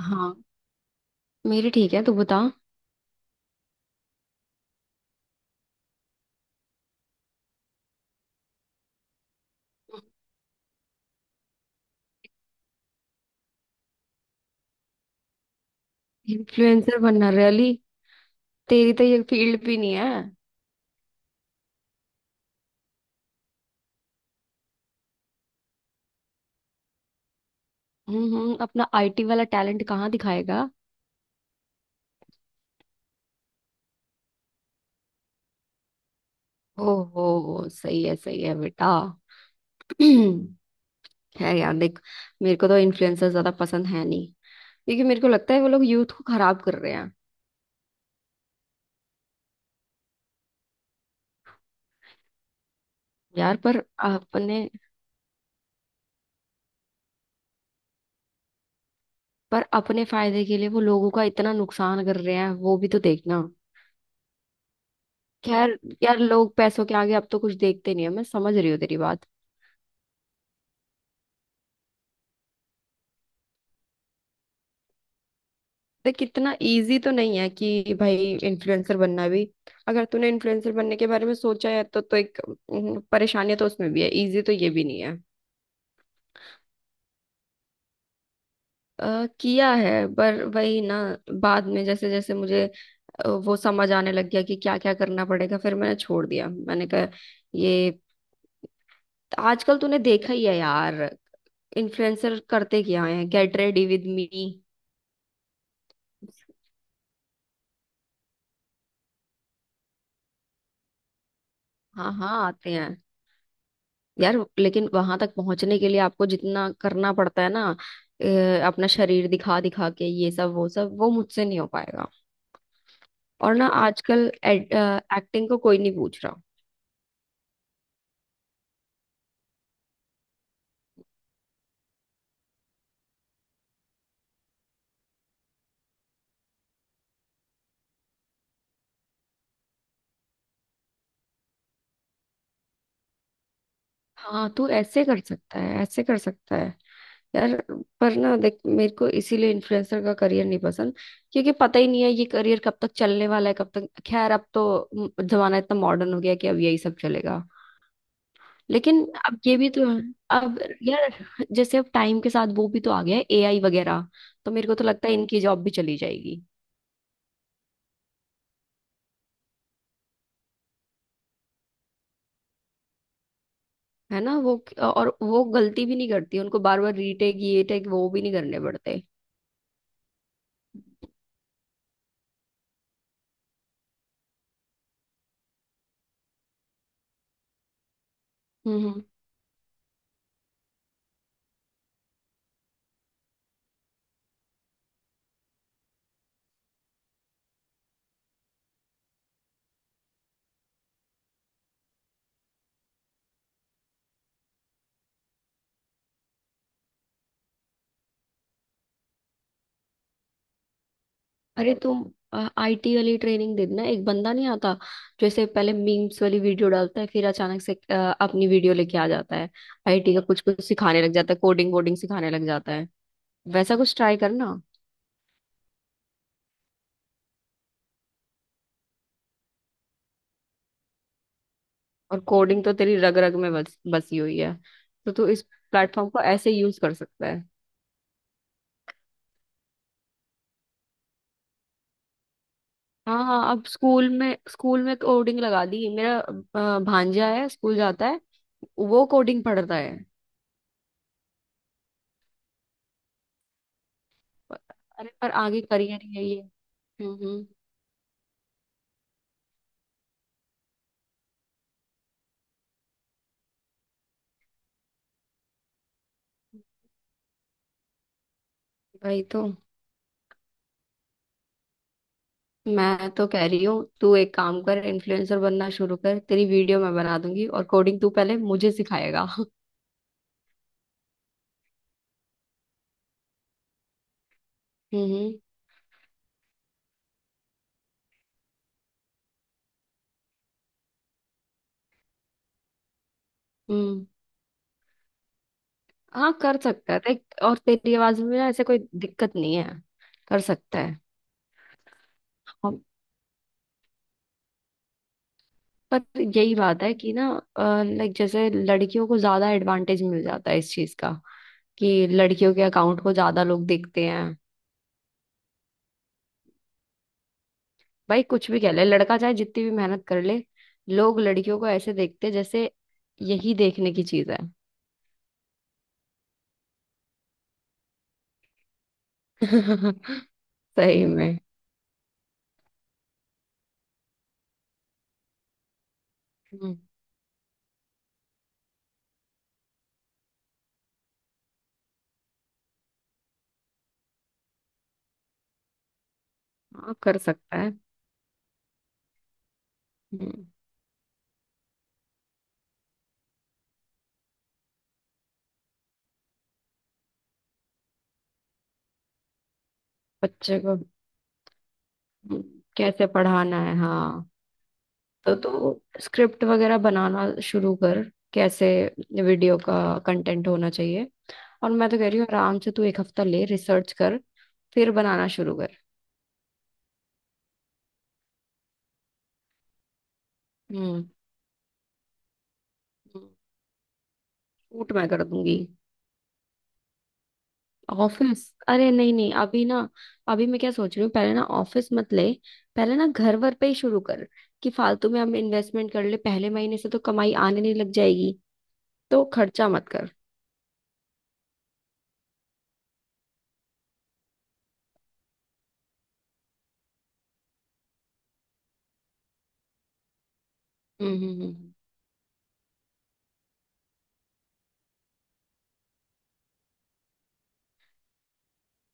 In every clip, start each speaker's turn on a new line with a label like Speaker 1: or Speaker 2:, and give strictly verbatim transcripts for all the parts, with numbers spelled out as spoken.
Speaker 1: हाँ, मेरी ठीक है, तू बता। इन्फ्लुएंसर बनना रैली? तेरी तो ये फील्ड भी नहीं है। हम्म हम्म, अपना आईटी वाला टैलेंट कहाँ दिखाएगा? ओहो सही है सही है बेटा। है यार देख, मेरे को तो इन्फ्लुएंसर ज्यादा पसंद है नहीं। क्योंकि मेरे को लगता है वो लोग यूथ को खराब कर रहे हैं। यार, पर अपने पर अपने फायदे के लिए वो लोगों का इतना नुकसान कर रहे हैं, वो भी तो देखना। खैर यार, लोग पैसों के आगे अब तो कुछ देखते नहीं है। मैं समझ रही हूँ तेरी बात। देख इतना इजी तो नहीं है कि भाई इन्फ्लुएंसर बनना भी। अगर तूने इन्फ्लुएंसर बनने के बारे में सोचा है तो तो एक अम, परेशानी तो उसमें भी है। इजी तो ये भी नहीं है। अ, किया है, पर वही ना। बाद में जैसे जैसे मुझे अ, वो समझ आने लग गया कि क्या क्या करना पड़ेगा, फिर मैंने छोड़ दिया। मैंने कहा ये आजकल तूने देखा ही है यार, इन्फ्लुएंसर करते क्या है, गेट रेडी विद मी। हाँ हाँ, आते हैं। यार लेकिन वहां तक पहुंचने के लिए आपको जितना करना पड़ता है ना, ए, अपना शरीर दिखा दिखा के ये सब वो सब, वो मुझसे नहीं हो पाएगा। और ना आजकल एक्टिंग को कोई नहीं पूछ रहा। हाँ, तू ऐसे कर सकता है, ऐसे कर सकता है। यार पर ना देख, मेरे को इसीलिए इन्फ्लुएंसर का करियर नहीं पसंद। क्योंकि पता ही नहीं है ये करियर कब तक चलने वाला है, कब तक। खैर अब तो म, जमाना इतना मॉडर्न हो गया है कि अब यही सब चलेगा। लेकिन अब ये भी तो है। अब यार, जैसे अब टाइम के साथ वो भी तो आ गया है, एआई वगैरह। तो मेरे को तो लगता है इनकी जॉब भी चली जाएगी। है ना वो। और वो गलती भी नहीं करती, उनको बार बार रीटेक ये टेक वो भी नहीं करने पड़ते। हम्म हम्म। अरे तुम आईटी वाली ट्रेनिंग दे देना। एक बंदा नहीं आता? जैसे पहले मीम्स वाली वीडियो डालता है, फिर अचानक से अ, अपनी वीडियो लेके आ जाता है, आईटी का कुछ कुछ सिखाने लग जाता है, कोडिंग वोडिंग सिखाने लग जाता है। वैसा कुछ ट्राई करना। और कोडिंग तो तेरी रग रग में बस बसी हुई है। तो तू इस प्लेटफॉर्म को ऐसे यूज कर सकता है। हाँ हाँ, अब स्कूल में स्कूल में कोडिंग लगा दी। मेरा अ, भांजा है, स्कूल जाता है, वो कोडिंग पढ़ता है। पर- अरे पर आगे करियर ही है ये। हम्म हम्म, वही तो। मैं तो कह रही हूँ तू एक काम कर, इन्फ्लुएंसर बनना शुरू कर। तेरी वीडियो मैं बना दूंगी और कोडिंग तू पहले मुझे सिखाएगा। हम्म हम्म। हाँ कर सकता है देख, और तेरी आवाज में ना ऐसे कोई दिक्कत नहीं है। कर सकता है। हम। पर यही बात है कि ना, लाइक जैसे लड़कियों को ज्यादा एडवांटेज मिल जाता है इस चीज का, कि लड़कियों के अकाउंट को ज्यादा लोग देखते हैं। भाई कुछ भी कह ले, लड़का चाहे जितनी भी मेहनत कर ले, लोग लड़कियों को ऐसे देखते हैं जैसे यही देखने की चीज है। सही में। हम्म। हाँ कर सकता है। हम्म, बच्चे को हम्म, कैसे पढ़ाना है, हाँ। तो तू स्क्रिप्ट वगैरह बनाना शुरू कर, कैसे वीडियो का कंटेंट होना चाहिए। और मैं तो कह रही हूँ आराम से तू एक हफ्ता ले, रिसर्च कर, फिर बनाना शुरू कर। हम्म। शूट मैं कर दूंगी। ऑफिस? अरे नहीं नहीं, अभी ना। अभी मैं क्या सोच रही हूँ, पहले ना ऑफिस मत ले, पहले ना घर वर पे ही शुरू कर। कि फालतू में हम इन्वेस्टमेंट कर ले, पहले महीने से तो कमाई आने नहीं लग जाएगी। तो खर्चा मत कर। हम्म हम्म हम्म।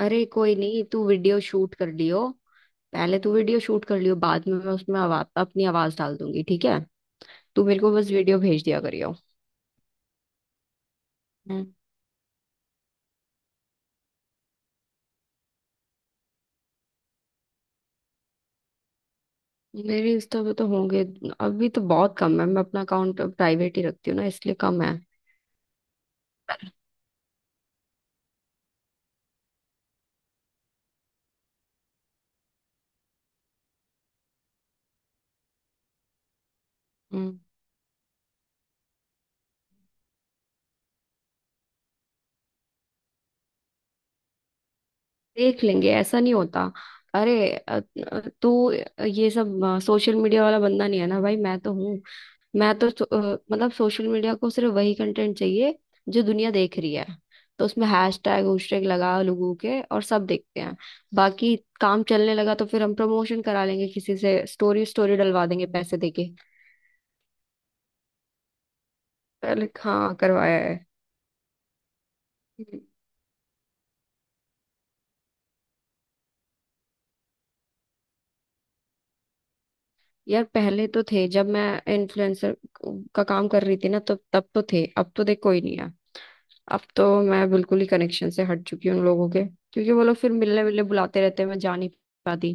Speaker 1: अरे कोई नहीं, तू वीडियो शूट कर लियो। पहले तू वीडियो शूट कर लियो, बाद में मैं उसमें आवाज अपनी आवाज डाल दूंगी। ठीक है, तू मेरे को बस वीडियो भेज दिया करियो। हम्म। मेरे इंस्टा पे तो होंगे। अभी तो बहुत कम है, मैं अपना अकाउंट प्राइवेट ही रखती हूँ ना इसलिए कम है। हम्म। देख लेंगे, ऐसा नहीं होता। अरे अ- अ- तू ये सब अ, सोशल मीडिया वाला बंदा नहीं है ना भाई, मैं तो हूँ। मैं तो सो- अ, मतलब सोशल मीडिया को सिर्फ वही कंटेंट चाहिए जो दुनिया देख रही है। तो उसमें हैशटैग हैशटैग लगा लोगों के, और सब देखते हैं। बाकी काम चलने लगा तो फिर हम प्रमोशन करा लेंगे, किसी से स्टोरी स्टोरी डलवा देंगे पैसे देके। पहले हाँ करवाया है। यार पहले तो थे, जब मैं इन्फ्लुएंसर का काम कर रही थी ना, तब तब तो थे। अब तो देख कोई नहीं है। अब तो मैं बिल्कुल ही कनेक्शन से हट चुकी हूँ उन लोगों के, क्योंकि वो लोग फिर मिलने मिलने बुलाते रहते हैं, मैं जा नहीं पाती।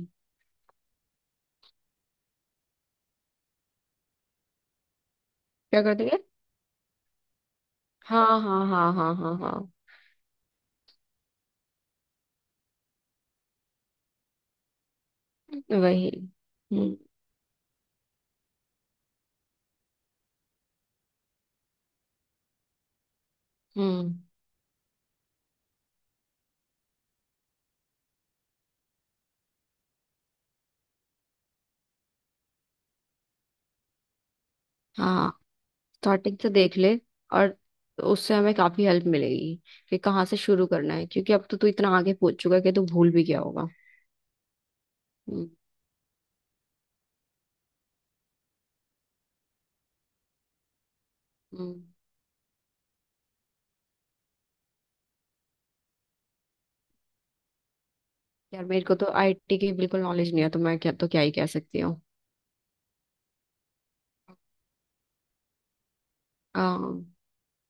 Speaker 1: क्या कर देंगे? हाँ हाँ हाँ हाँ हाँ हाँ, वही। हम्म हम्म। हाँ स्टार्टिंग से देख ले। और उससे हमें काफी हेल्प मिलेगी कि कहाँ से शुरू करना है, क्योंकि अब तो तू इतना आगे पहुंच चुका है कि तू भूल भी गया होगा। हम्म हम्म। यार मेरे को तो आईटी की बिल्कुल नॉलेज नहीं है, तो मैं क्या तो क्या ही कह सकती हूँ। अम,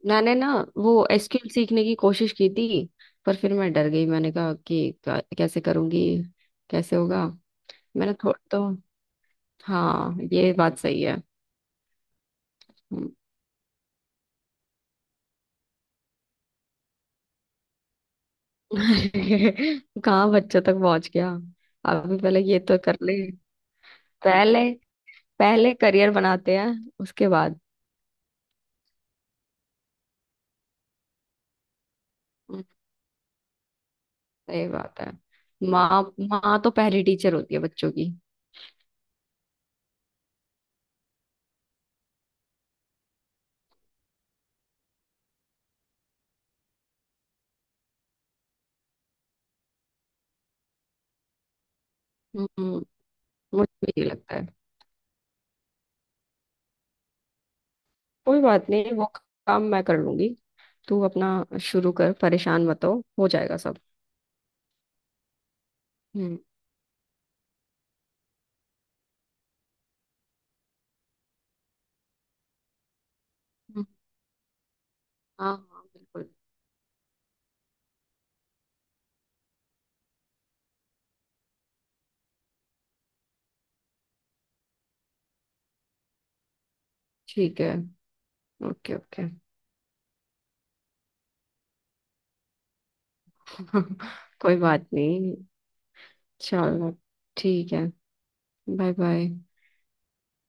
Speaker 1: मैंने ना वो एसक्यूएल सीखने की कोशिश की थी, पर फिर मैं डर गई। मैंने कहा कि क- कैसे करूंगी, कैसे होगा। मैंने थोड़ा तो, हाँ, ये बात सही है। हम्म। कहाँ बच्चों तक पहुंच गया, अभी पहले ये तो कर ले। पहले पहले करियर बनाते हैं, उसके बाद। हम्म, सही बात है। माँ माँ तो पहली टीचर होती है बच्चों की। हम्म, मुझे भी यही लगता है। कोई बात नहीं, वो काम मैं कर लूंगी। तू अपना शुरू कर, परेशान मत हो, हो जाएगा सब। हम्म हम्म, हाँ हाँ बिल्कुल। ठीक है, ओके ओके। कोई बात नहीं। चलो ठीक है, बाय बाय।